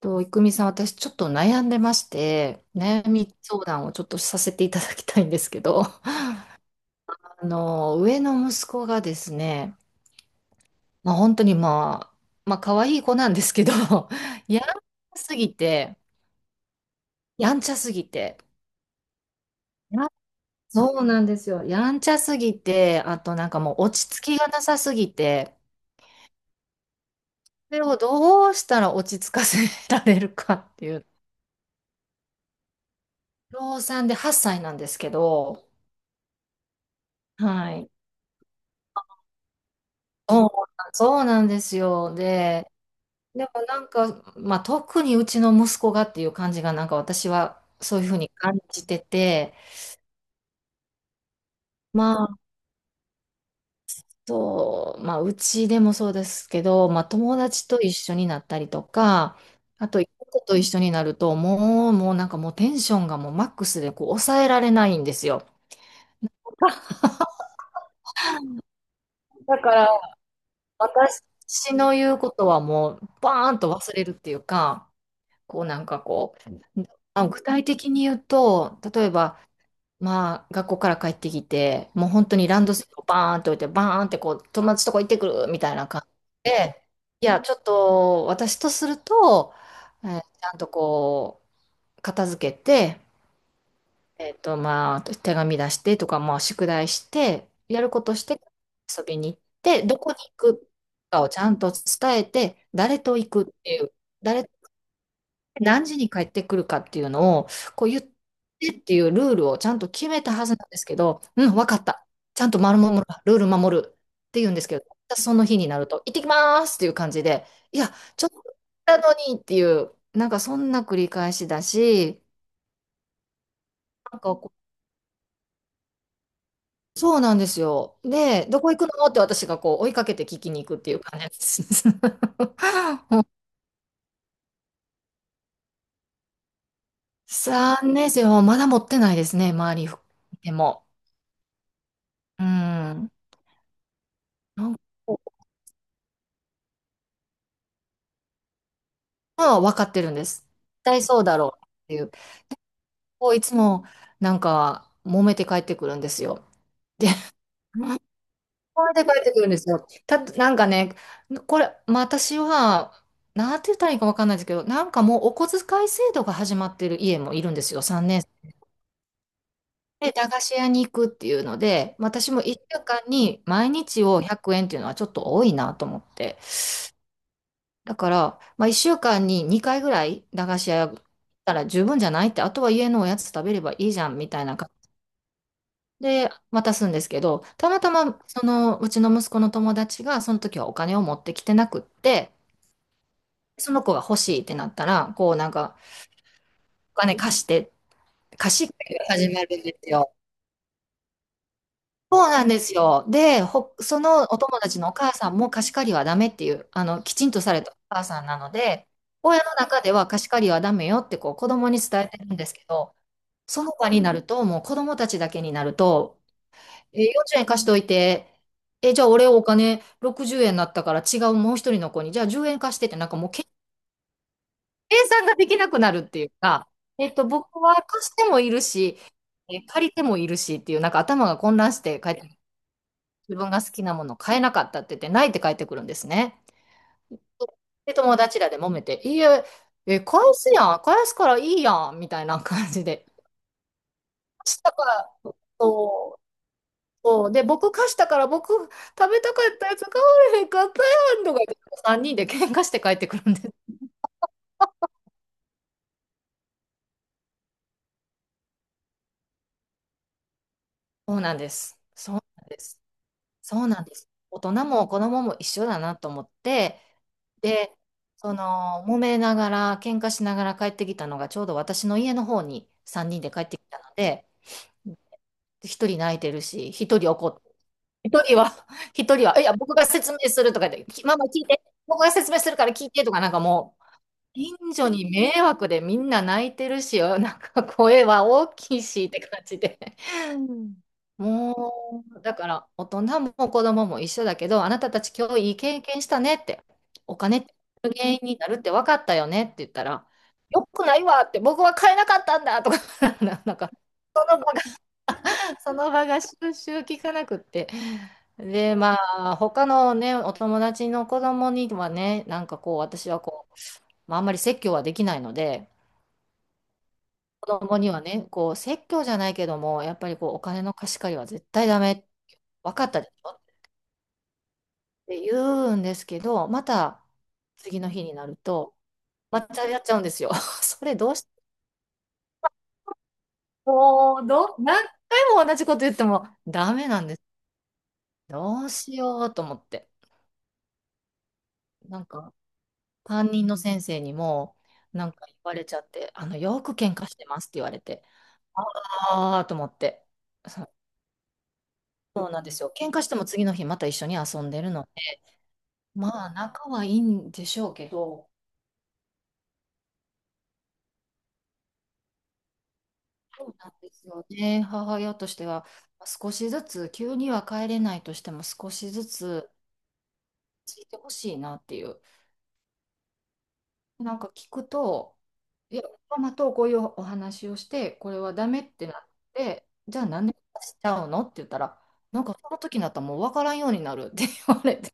と、いくみさん、私ちょっと悩んでまして、悩み相談をちょっとさせていただきたいんですけど、あの、上の息子がですね、まあ、本当にまあ、まあ、可愛い子なんですけど、やんちゃすぎて、やんちゃすぎて、やそうなんですよ。やんちゃすぎて、あとなんかもう落ち着きがなさすぎて、それをどうしたら落ち着かせられるかっていう、老産で8歳なんですけど、はい。そうそうなんですよ。で、でもなんか、まあ、特にうちの息子がっていう感じが、なんか私はそういうふうに感じてて、まあ、そう、まあ、うちでもそうですけど、まあ、友達と一緒になったりとか、あと、と一緒になると、もう、なんかもうテンションがもうマックスでこう抑えられないんですよ。だから、私の言うことはもう、バーンと忘れるっていうか、こうなんかこう、具体的に言うと、例えば、まあ、学校から帰ってきて、もう本当にランドセルをバーンって置いて、バーンってこう、友達とこ行ってくるみたいな感じで、いや、ちょっと私とすると、ちゃんとこう、片付けて、まあ、手紙出してとか、まあ、宿題して、やることして遊びに行って、どこに行くかをちゃんと伝えて、誰と行くっていう、誰何時に帰ってくるかっていうのを、こう言ってっていうルールをちゃんと決めたはずなんですけど、うん、わかった、ちゃんと丸守る、ルール守るって言うんですけど、その日になると、行ってきますっていう感じで、いや、ちょっとだのにっていう、なんかそんな繰り返しだし、なんかこう、そうなんですよ。で、どこ行くのって私がこう追いかけて聞きに行くっていう感じです。もう年生はまだ持ってないですね、周りでも。うん。なんかは分かってるんです。絶対そうだろうっていう。こういつもなんか揉めて帰ってくるんですよ。で、揉めて帰ってくるんですよ。なんかね、これ、まあ、私は、なんて言ったらいいか分かんないですけど、なんかもうお小遣い制度が始まってる家もいるんですよ、3年生。で、駄菓子屋に行くっていうので、私も1週間に毎日を100円っていうのはちょっと多いなと思って。だから、まあ、1週間に2回ぐらい駄菓子屋行ったら十分じゃないって、あとは家のおやつ食べればいいじゃんみたいな感じで渡すんですけど、たまたまそのうちの息子の友達がその時はお金を持ってきてなくって、その子が欲しいってなったら、こうなんかお金貸して、貸し借が始まるんですよ。そうなんですよ。で、ほ、そのお友達のお母さんも貸し借りはダメっていう、あの、きちんとされたお母さんなので、親の中では貸し借りはダメよってこう子供に伝えてるんですけど、その場になると、もう子供たちだけになると、え、40円貸しといて、え、じゃあ俺お金60円になったから違うもう一人の子に、じゃあ10円貸してって、なんかもうけ計算ができなくなるっていうか、えっと、僕は貸してもいるし、借りてもいるしっていう、なんか頭が混乱して帰って自分が好きなもの買えなかったって言って、ないって帰ってくるんですね。で、友達らで揉めて、いいえ、え、返すやん、返すからいいやん、みたいな感じで。貸したから、そう、そう。で、僕貸したから、僕食べたかったやつ買われへんかったやん、とか言って、3人で喧嘩して帰ってくるんです。そうなんです。そうなんです。そうなんです。大人も子供も一緒だなと思って、で、その、揉めながら、喧嘩しながら帰ってきたのが、ちょうど私の家の方に3人で帰ってきたので、一人泣いてるし、一人怒って、一人は、一人は、いや、僕が説明するとかできママ聞いて、僕が説明するから聞いてとか、なんかもう、近所に迷惑でみんな泣いてるし、なんか声は大きいしって感じで。うん。もう、だから大人も子供も一緒だけど、あなたたち今日いい経験したねって、お金って原因になるって分かったよねって言ったら、よくないわって、僕は買えなかったんだとか、なんか、その場がその場が収集効かなくって。で、まあ、他のね、お友達の子供にはね、なんかこう、私はこう、まあ、あんまり説教はできないので、子供にはね、こう、説教じゃないけども、やっぱりこう、お金の貸し借りは絶対ダメ、分かったでしょって言うんですけど、また次の日になると、またやっちゃうんですよ。それどうし、もう、ど何回も同じこと言ってもダメなんです。どうしようと思って。なんか、担任の先生にも、なんか言われちゃって、あの、よく喧嘩してますって言われて、ああ、と思って。そうそうなんですよ。喧嘩しても次の日また一緒に遊んでるので、まあ、仲はいいんでしょうけど、そうなんですよね。母親としては、少しずつ、急には帰れないとしても、少しずつついてほしいなっていう。なんか聞くと、いや、ママとこういうお話をして、これはダメってなって、じゃあなんでしちゃうのって言ったら、なんかその時になったらもう分からんようになるって 言われて、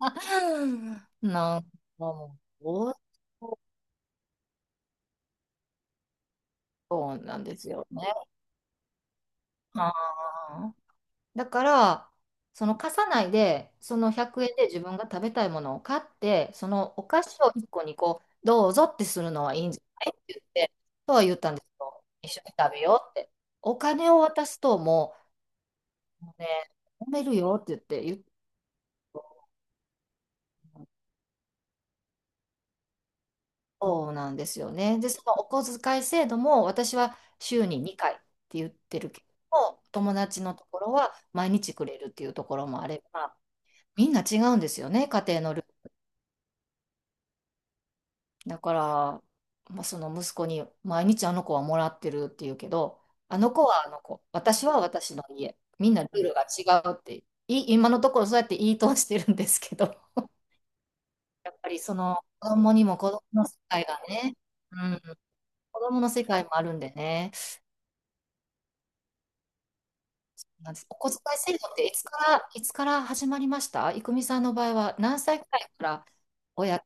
なんかもう、そうなんですよね。あー、だから、その貸さないで、その100円で自分が食べたいものを買って、そのお菓子を1個にこう、どうぞってするのはいいんじゃないって言って、とは言ったんですよ。一緒に食べようって。お金を渡すともうね、揉めるよって言ってそうなんですよね。で、そのお小遣い制度も私は週に2回って言ってるけども、友達のところは毎日くれるっていうところもあれば、みんな違うんですよね、家庭のルール。だから、まあ、その息子に毎日あの子はもらってるっていうけど、あの子はあの子、私は私の家、みんなルールが違うって、今のところそうやって言い通してるんですけど、やっぱりその子供にも子供の世界がね、うん、子供の世界もあるんでね。なんですお小遣い制度っていつから、始まりました郁美さんの場合は何歳くらいから親、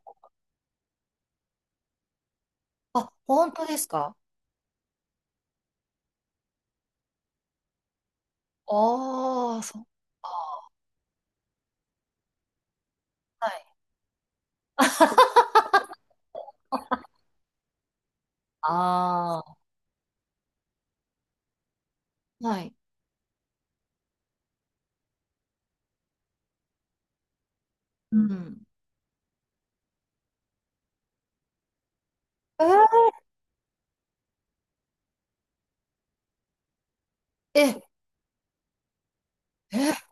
あ、本当ですか？ああ、そっか。はい。ああ、はい。うん。えー、え、え、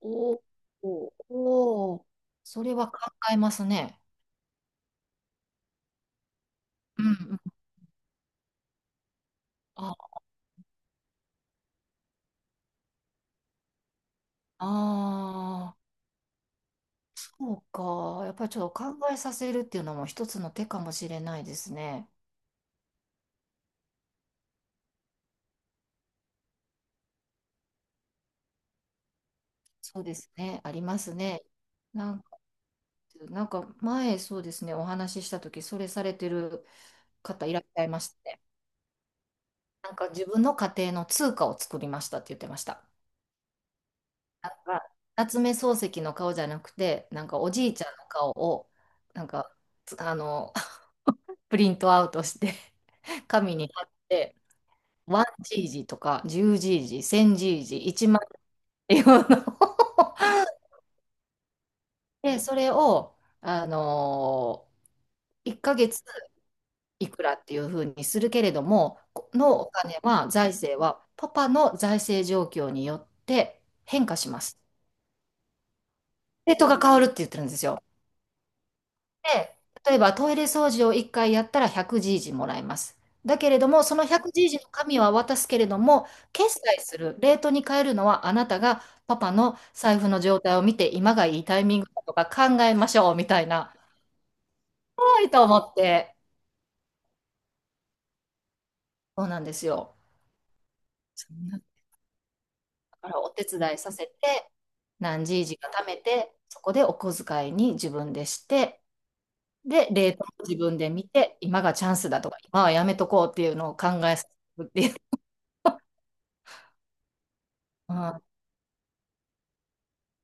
おおおお、それは考えますね。うんうん。ああー、そうか。やっぱりちょっと考えさせるっていうのも一つの手かもしれないですね。そうですね、ありますね。なんか、なんか前、そうですね、お話ししたとき、それされてる方いらっしゃいましたね。なんか自分の家庭の通貨を作りましたって言ってました。なんか、夏目漱石の顔じゃなくて、なんかおじいちゃんの顔を、なんか、あの、プリントアウトして、紙に貼って、1GG とか 10GG、1000GG、1万っていうのを で、それを、あの1ヶ月いくらっていうふうにするけれども、このお金は、財政は、パパの財政状況によって変化します。レートが変わるって言ってるんですよ。で、例えばトイレ掃除を1回やったら 100G もらえます。だけれども、その 100G の紙は渡すけれども、決済する、レートに変えるのはあなたがパパの財布の状態を見て、今がいいタイミングだとか考えましょうみたいな、はいと思って、そうなんですよ。そんなからお手伝いさせて、何十時か貯めて、そこでお小遣いに自分でして、で、レートも自分で見て、今がチャンスだとか、今はやめとこうっていうのを考えさせるっていう、うん、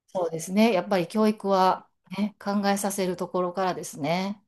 そうですね。やっぱり教育は、ね、考えさせるところからですね。